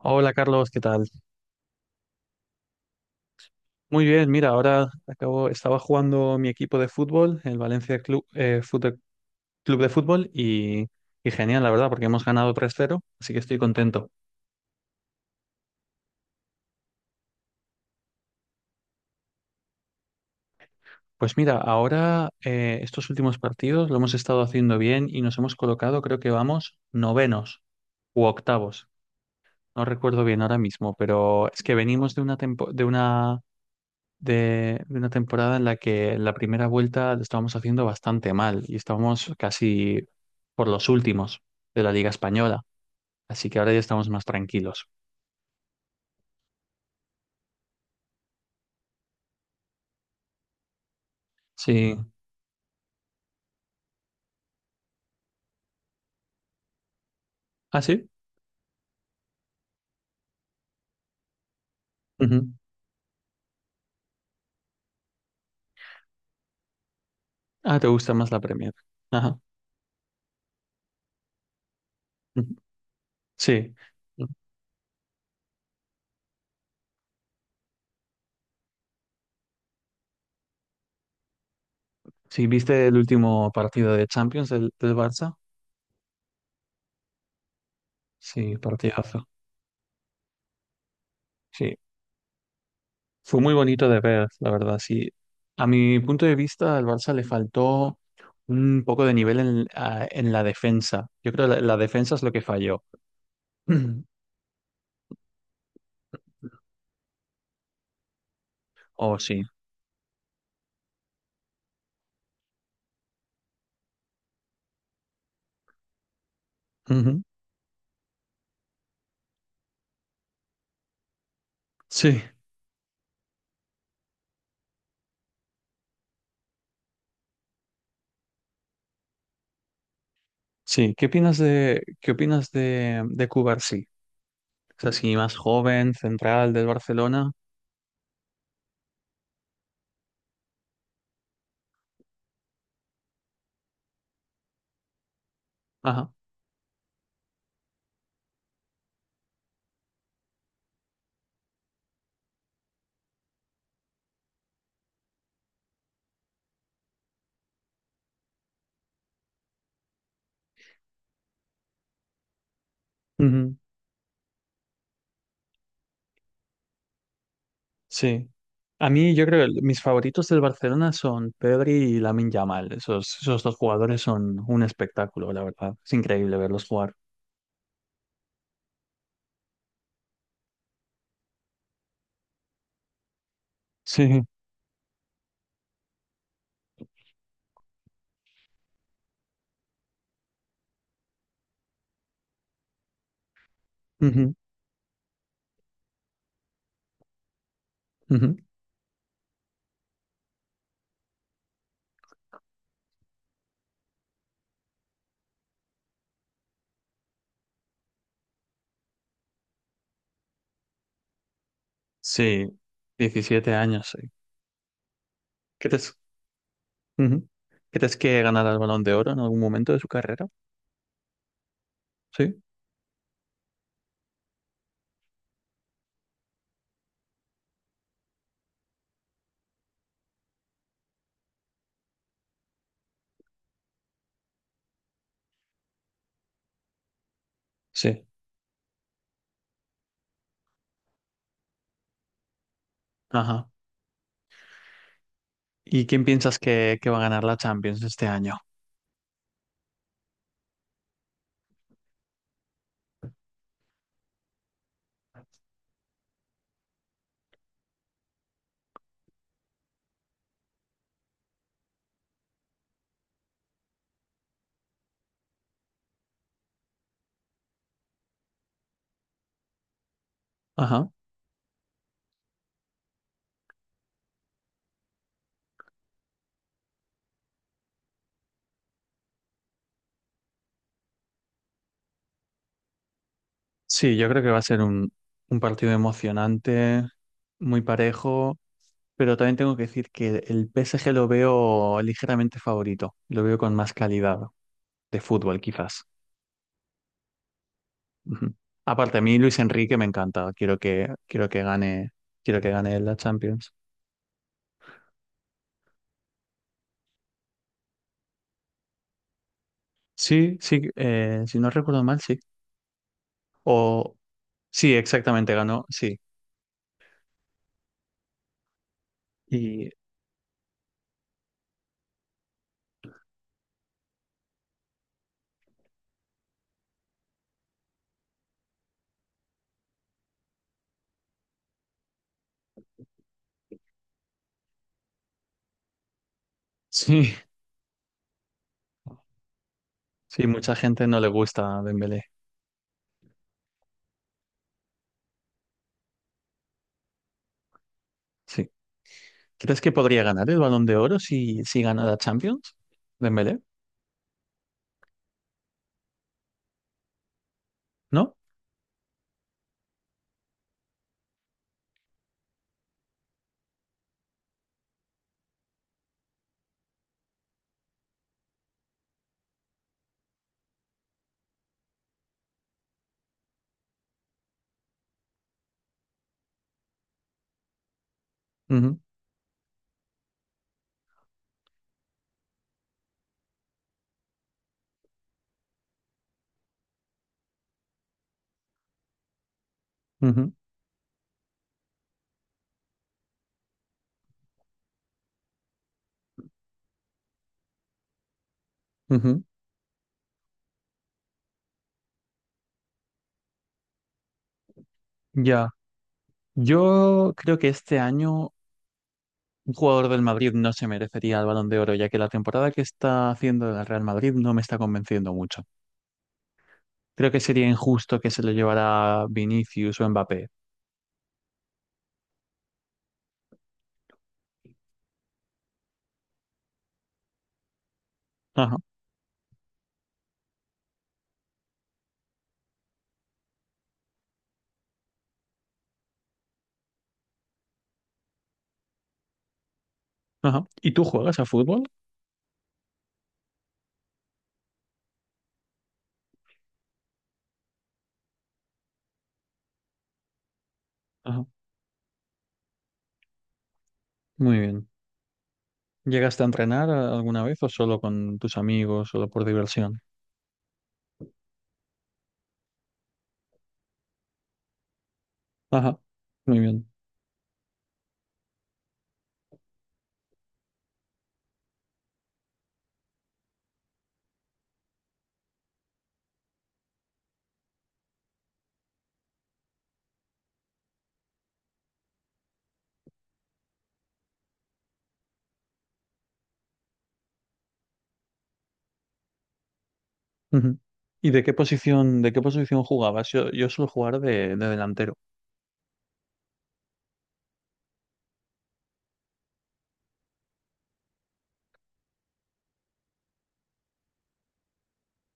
Hola Carlos, ¿qué tal? Muy bien, mira, ahora acabo, estaba jugando mi equipo de fútbol, el Valencia Club, Club de Fútbol, y genial, la verdad, porque hemos ganado 3-0, así que estoy contento. Pues mira, ahora estos últimos partidos lo hemos estado haciendo bien y nos hemos colocado, creo que vamos, novenos u octavos. No recuerdo bien ahora mismo, pero es que venimos de una tempo- de una temporada en la que la primera vuelta lo estábamos haciendo bastante mal y estábamos casi por los últimos de la Liga Española. Así que ahora ya estamos más tranquilos. Sí. ¿Ah, sí? Ujú. Ah, ¿te gusta más la Premier? Ajá. Ujú. Sí. Sí, ¿viste el último partido de Champions del Barça? Sí, partidazo. Sí. Fue muy bonito de ver, la verdad, sí. A mi punto de vista, al Barça le faltó un poco de nivel en la defensa. Yo creo que la defensa es lo que falló. Oh, sí. Ujú. Sí, sí. ¿Qué opinas de Cubarsí? O sea, sí más joven, central del Barcelona. Ajá. Ujú. Sí. A mí, yo creo que mis favoritos del Barcelona son Pedri y Lamine Yamal. Esos dos jugadores son un espectáculo, la verdad. Es increíble verlos jugar. Sí. Ujú, ujú, sí, 17 años, sí. ¿Crees, Ujú. Crees que ganará el Balón de Oro en algún momento de su carrera? Sí, sí. Ajá. ¿Y quién piensas que va a ganar la Champions este año? Ajá. Sí, yo creo que va a ser un partido emocionante, muy parejo, pero también tengo que decir que el PSG lo veo ligeramente favorito, lo veo con más calidad de fútbol, quizás. Ujú. Aparte, a mí Luis Enrique me encanta, quiero que gane la Champions. Sí, sí, si no recuerdo mal, sí. O sí, exactamente, ganó, sí. Y sí, sí, mucha gente no le gusta a Dembélé. Sí. ¿Crees que podría ganar el Balón de Oro si gana la Champions? Dembélé, ¿no? Ujú, ujú, ujú. Ya. Yo creo que este año un jugador del Madrid no se merecería el Balón de Oro, ya que la temporada que está haciendo el Real Madrid no me está convenciendo mucho. Creo que sería injusto que se lo llevara Vinicius o Mbappé. Ajá, ajá. ¿Y tú juegas a fútbol? Ajá, muy bien. ¿Llegaste a entrenar alguna vez o solo con tus amigos, solo por diversión? Ajá, muy bien. Ujú. ¿Y de qué posición jugabas? Yo suelo jugar de delantero.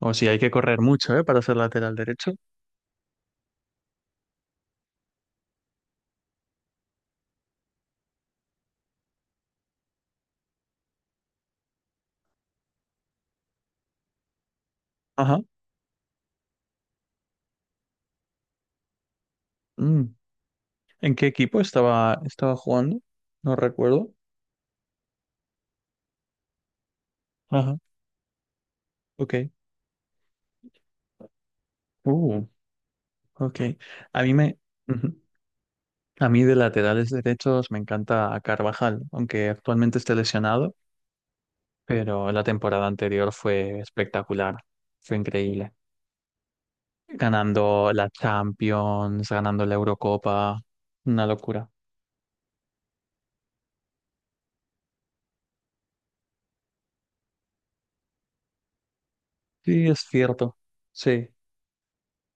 O si hay que correr mucho, ¿eh? Para ser lateral derecho. Ajá. Mm. ¿En qué equipo estaba jugando? No recuerdo. Ajá. Ok. Uh, ok. A mí me, Ujú. A mí de laterales derechos me encanta Carvajal, aunque actualmente esté lesionado, pero la temporada anterior fue espectacular, fue increíble. Ganando la Champions, ganando la Eurocopa, una locura. Sí, es cierto. Sí,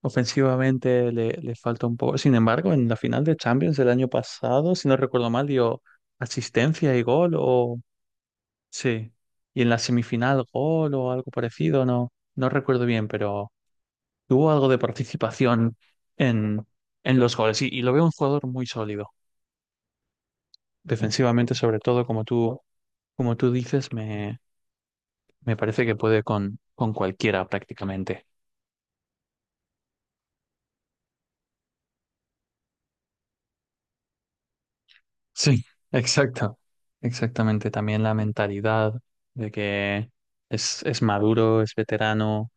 ofensivamente le falta un poco. Sin embargo, en la final de Champions el año pasado, si no recuerdo mal, dio asistencia y gol o... Sí. Y en la semifinal gol o algo parecido, no, no recuerdo bien, pero tuvo algo de participación en, en los goles. Y lo veo un jugador muy sólido. Defensivamente, sobre todo, como tú dices, me parece que puede con cualquiera prácticamente. Sí, exacto, exactamente. También la mentalidad de que es maduro, es veterano,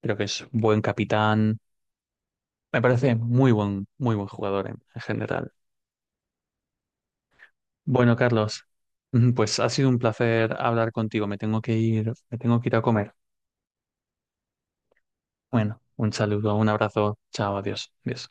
creo que es buen capitán. Me parece muy buen jugador en general. Bueno, Carlos, pues ha sido un placer hablar contigo. Me tengo que ir, me tengo que ir a comer. Bueno, un saludo, un abrazo, chao, adiós, adiós.